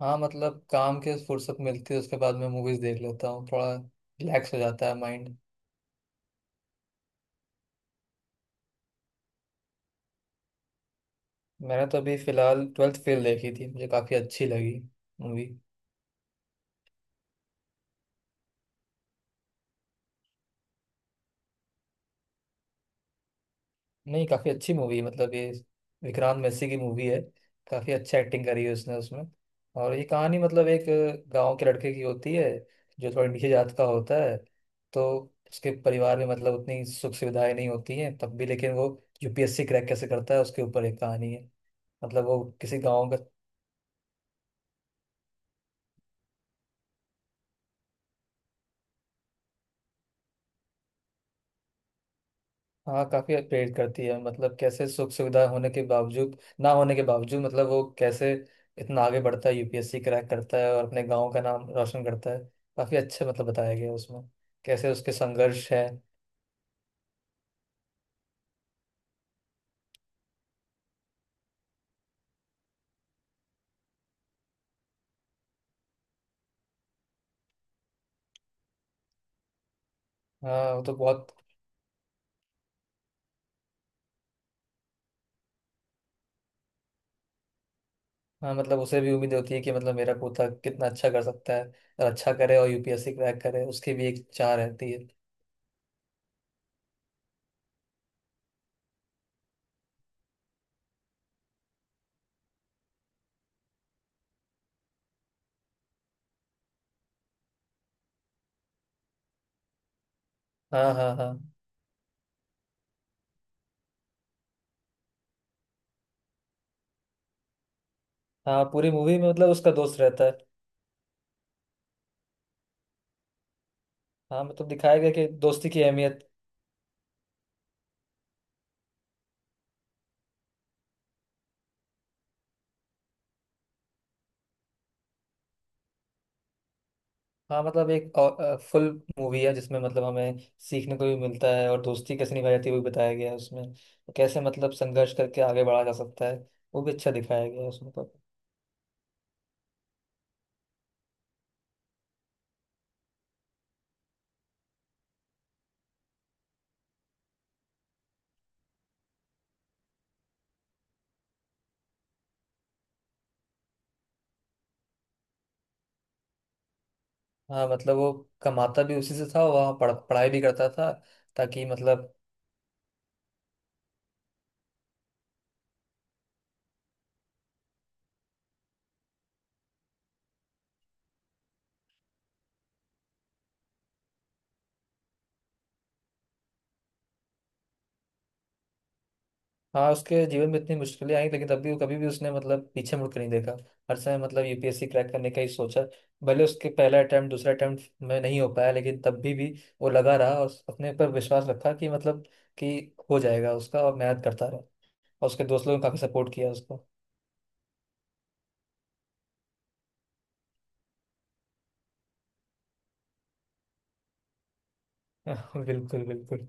हाँ मतलब काम के फुर्सत मिलती है उसके बाद मैं मूवीज देख लेता हूँ। थोड़ा रिलैक्स हो जाता है माइंड। मैंने तो अभी फिलहाल ट्वेल्थ फेल देखी थी, मुझे काफ़ी अच्छी लगी मूवी। नहीं, काफ़ी अच्छी मूवी, मतलब ये विक्रांत मैसी की मूवी है। काफ़ी अच्छा एक्टिंग करी है उसने उसमें। और ये कहानी मतलब एक गांव के लड़के की होती है जो थोड़ा नीचे जात का होता है। तो उसके परिवार में मतलब उतनी सुख सुविधाएं नहीं होती हैं, तब भी लेकिन वो यूपीएससी क्रैक कैसे करता है उसके ऊपर एक कहानी है। मतलब वो किसी गांव का। हाँ, काफी प्रेरित करती है। मतलब कैसे सुख सुविधा होने के बावजूद, ना होने के बावजूद मतलब वो कैसे इतना आगे बढ़ता है, यूपीएससी क्रैक करता है और अपने गांव का नाम रोशन करता है। काफी अच्छे मतलब बताया गया है उसमें कैसे उसके संघर्ष है। हाँ, वो तो बहुत। हाँ मतलब उसे भी उम्मीद होती है कि मतलब मेरा पोता कितना अच्छा कर सकता है और अच्छा करे और यूपीएससी क्रैक करे, उसकी भी एक चाह रहती है। हाँ हाँ हाँ। हाँ, पूरी मूवी में मतलब उसका दोस्त रहता है। हाँ, मतलब दिखाया गया कि दोस्ती की अहमियत। हाँ मतलब एक फुल मूवी है जिसमें मतलब हमें सीखने को भी मिलता है और दोस्ती कैसे निभाई जाती है वो भी बताया गया है उसमें। तो कैसे मतलब संघर्ष करके आगे बढ़ा जा सकता है वो भी अच्छा दिखाया गया है उसमें। तो हाँ मतलब वो कमाता भी उसी से था, वहाँ पढ़ाई भी करता था, ताकि मतलब। हाँ उसके जीवन में इतनी मुश्किलें आई लेकिन तब भी वो कभी भी उसने मतलब पीछे मुड़ के नहीं देखा। हर समय मतलब यूपीएससी क्रैक करने का ही सोचा। भले उसके पहला अटेम्प्ट दूसरा अटेम्प्ट में नहीं हो पाया लेकिन तब भी वो लगा रहा और अपने पर विश्वास रखा कि मतलब कि हो जाएगा उसका, और मेहनत करता रहा। और उसके दोस्त लोगों ने काफी सपोर्ट किया उसको। बिल्कुल बिल्कुल।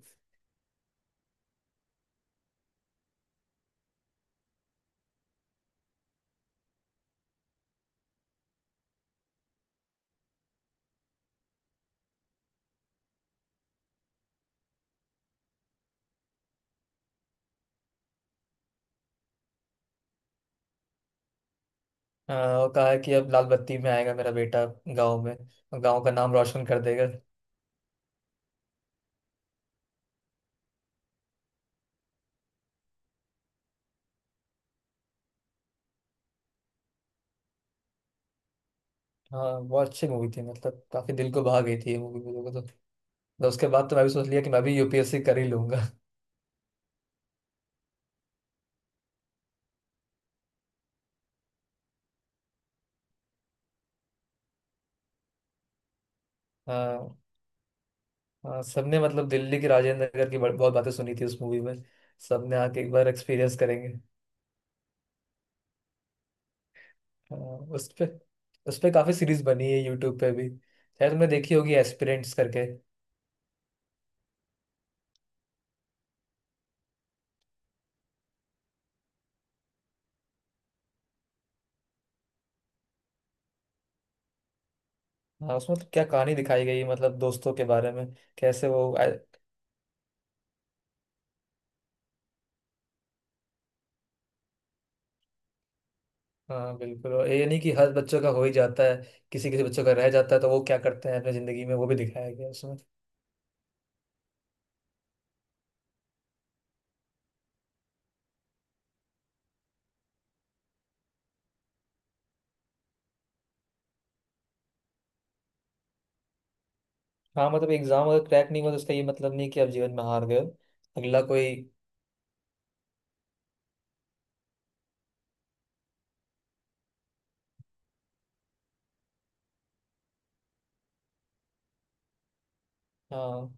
और कहा कि अब लाल बत्ती में आएगा मेरा बेटा गाँव में, और गाँव का नाम रोशन कर देगा। हाँ बहुत अच्छी मूवी थी, मतलब काफी दिल को भा गई थी ये मूवी मुझे तो। तो उसके बाद तो मैं भी सोच लिया कि मैं भी यूपीएससी कर ही लूंगा। हाँ। हाँ, सबने मतलब दिल्ली की राजेंद्र नगर की बहुत बातें सुनी थी उस मूवी में। सबने आके एक बार एक्सपीरियंस करेंगे। हाँ, उस पे, उस पे काफी सीरीज बनी है यूट्यूब पे भी, शायद तुमने देखी होगी एस्पिरेंट्स करके। हाँ उसमें तो क्या कहानी दिखाई गई है, मतलब दोस्तों के बारे में, कैसे वो हाँ बिल्कुल, और ये नहीं कि हर बच्चों का हो ही जाता है। किसी किसी बच्चों का रह जाता है तो वो क्या करते हैं अपनी जिंदगी में वो भी दिखाया गया है उसमें। हाँ मतलब एग्जाम अगर क्रैक नहीं हुआ तो उसका ये मतलब नहीं कि आप जीवन में हार गए हो। अगला कोई। हाँ।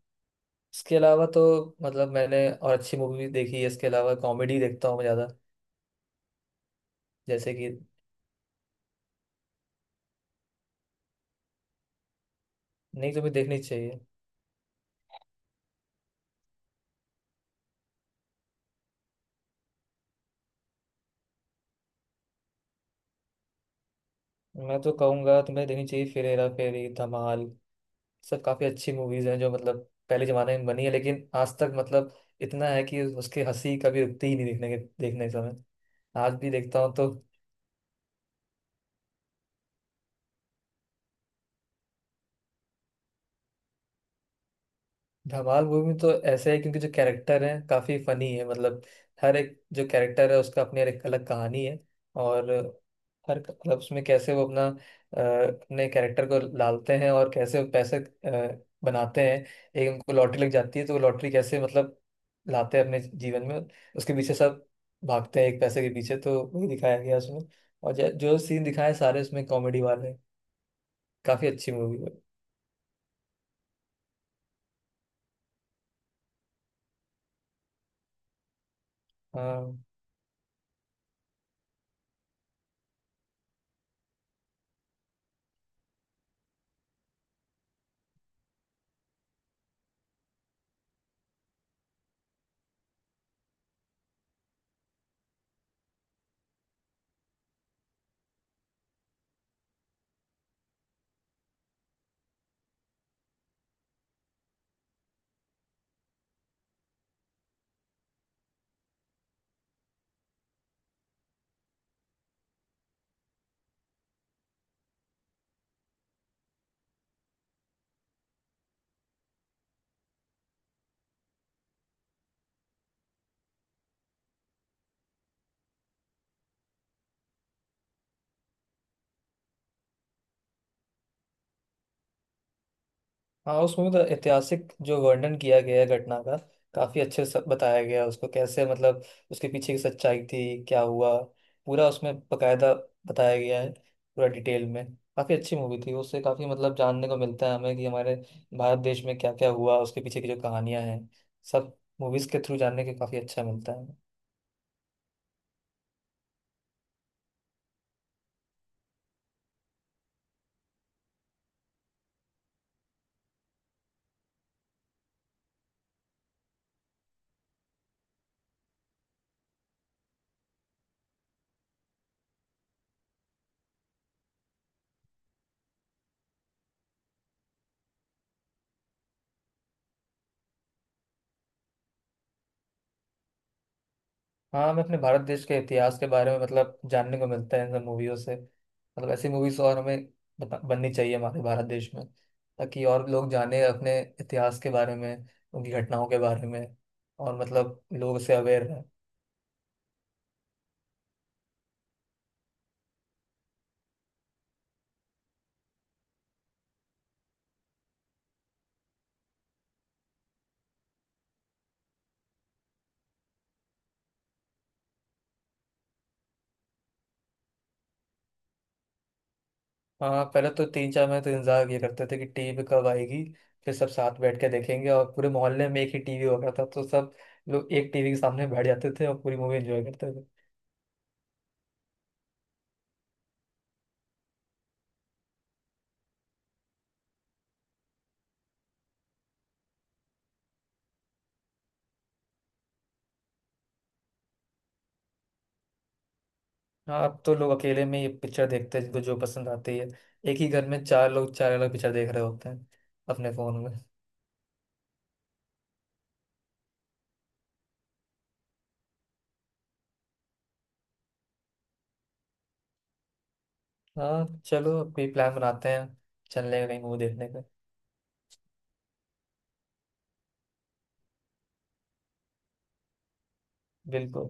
इसके अलावा तो मतलब मैंने और अच्छी मूवी भी देखी है। इसके अलावा कॉमेडी देखता हूँ मैं ज़्यादा, जैसे कि। नहीं तुम्हें देखनी चाहिए। मैं तो कहूँगा तुम्हें देखनी चाहिए फिर हेरा फेरी, धमाल, सब काफ़ी अच्छी मूवीज़ हैं जो मतलब पहले ज़माने में बनी है लेकिन आज तक मतलब इतना है कि उसकी हंसी कभी रुकती ही नहीं देखने के समय। आज भी देखता हूँ तो। धमाल मूवी तो ऐसे है क्योंकि जो कैरेक्टर है काफी फनी है मतलब। हर एक जो कैरेक्टर है उसका अपनी एक अलग कहानी है। और हर मतलब उसमें कैसे वो अपने कैरेक्टर को डालते हैं और कैसे वो पैसे बनाते हैं। एक उनको लॉटरी लग जाती है तो वो लॉटरी कैसे मतलब लाते हैं अपने जीवन में। उसके पीछे सब भागते हैं, एक पैसे के पीछे, तो वही दिखाया गया उसमें। और जो सीन दिखाए सारे उसमें कॉमेडी वाले हैं। काफी अच्छी मूवी है। हाँ। हाँ उसमें मतलब ऐतिहासिक जो वर्णन किया गया है घटना का, काफी अच्छे से बताया गया है उसको। कैसे मतलब उसके पीछे की सच्चाई थी, क्या हुआ, पूरा उसमें बकायदा बताया गया है, पूरा डिटेल में। काफी अच्छी मूवी थी, उससे काफी मतलब जानने को मिलता है हमें कि हमारे भारत देश में क्या क्या हुआ, उसके पीछे की जो कहानियां हैं सब, मूवीज के थ्रू जानने के काफी अच्छा मिलता है। हाँ हमें अपने भारत देश के इतिहास के बारे में मतलब जानने को मिलता है इन सब मूवियों से। मतलब ऐसी मूवीज और हमें बननी चाहिए हमारे भारत देश में, ताकि और लोग जाने अपने इतिहास के बारे में, उनकी घटनाओं के बारे में, और मतलब लोग से अवेयर हैं। हाँ पहले तो तीन चार महीने तो इंतजार ये करते थे कि टीवी कब आएगी, फिर सब साथ बैठ के देखेंगे। और पूरे मोहल्ले में एक ही टीवी होता था तो सब लोग एक टीवी के सामने बैठ जाते थे और पूरी मूवी एंजॉय करते थे। हाँ अब तो लोग अकेले में ये पिक्चर देखते हैं, जिनको जो पसंद आती है। एक ही घर में चार लोग चार अलग पिक्चर देख रहे होते हैं अपने फोन में। हाँ चलो अब कोई प्लान बनाते हैं चलने का, कहीं मूवी देखने का। बिल्कुल।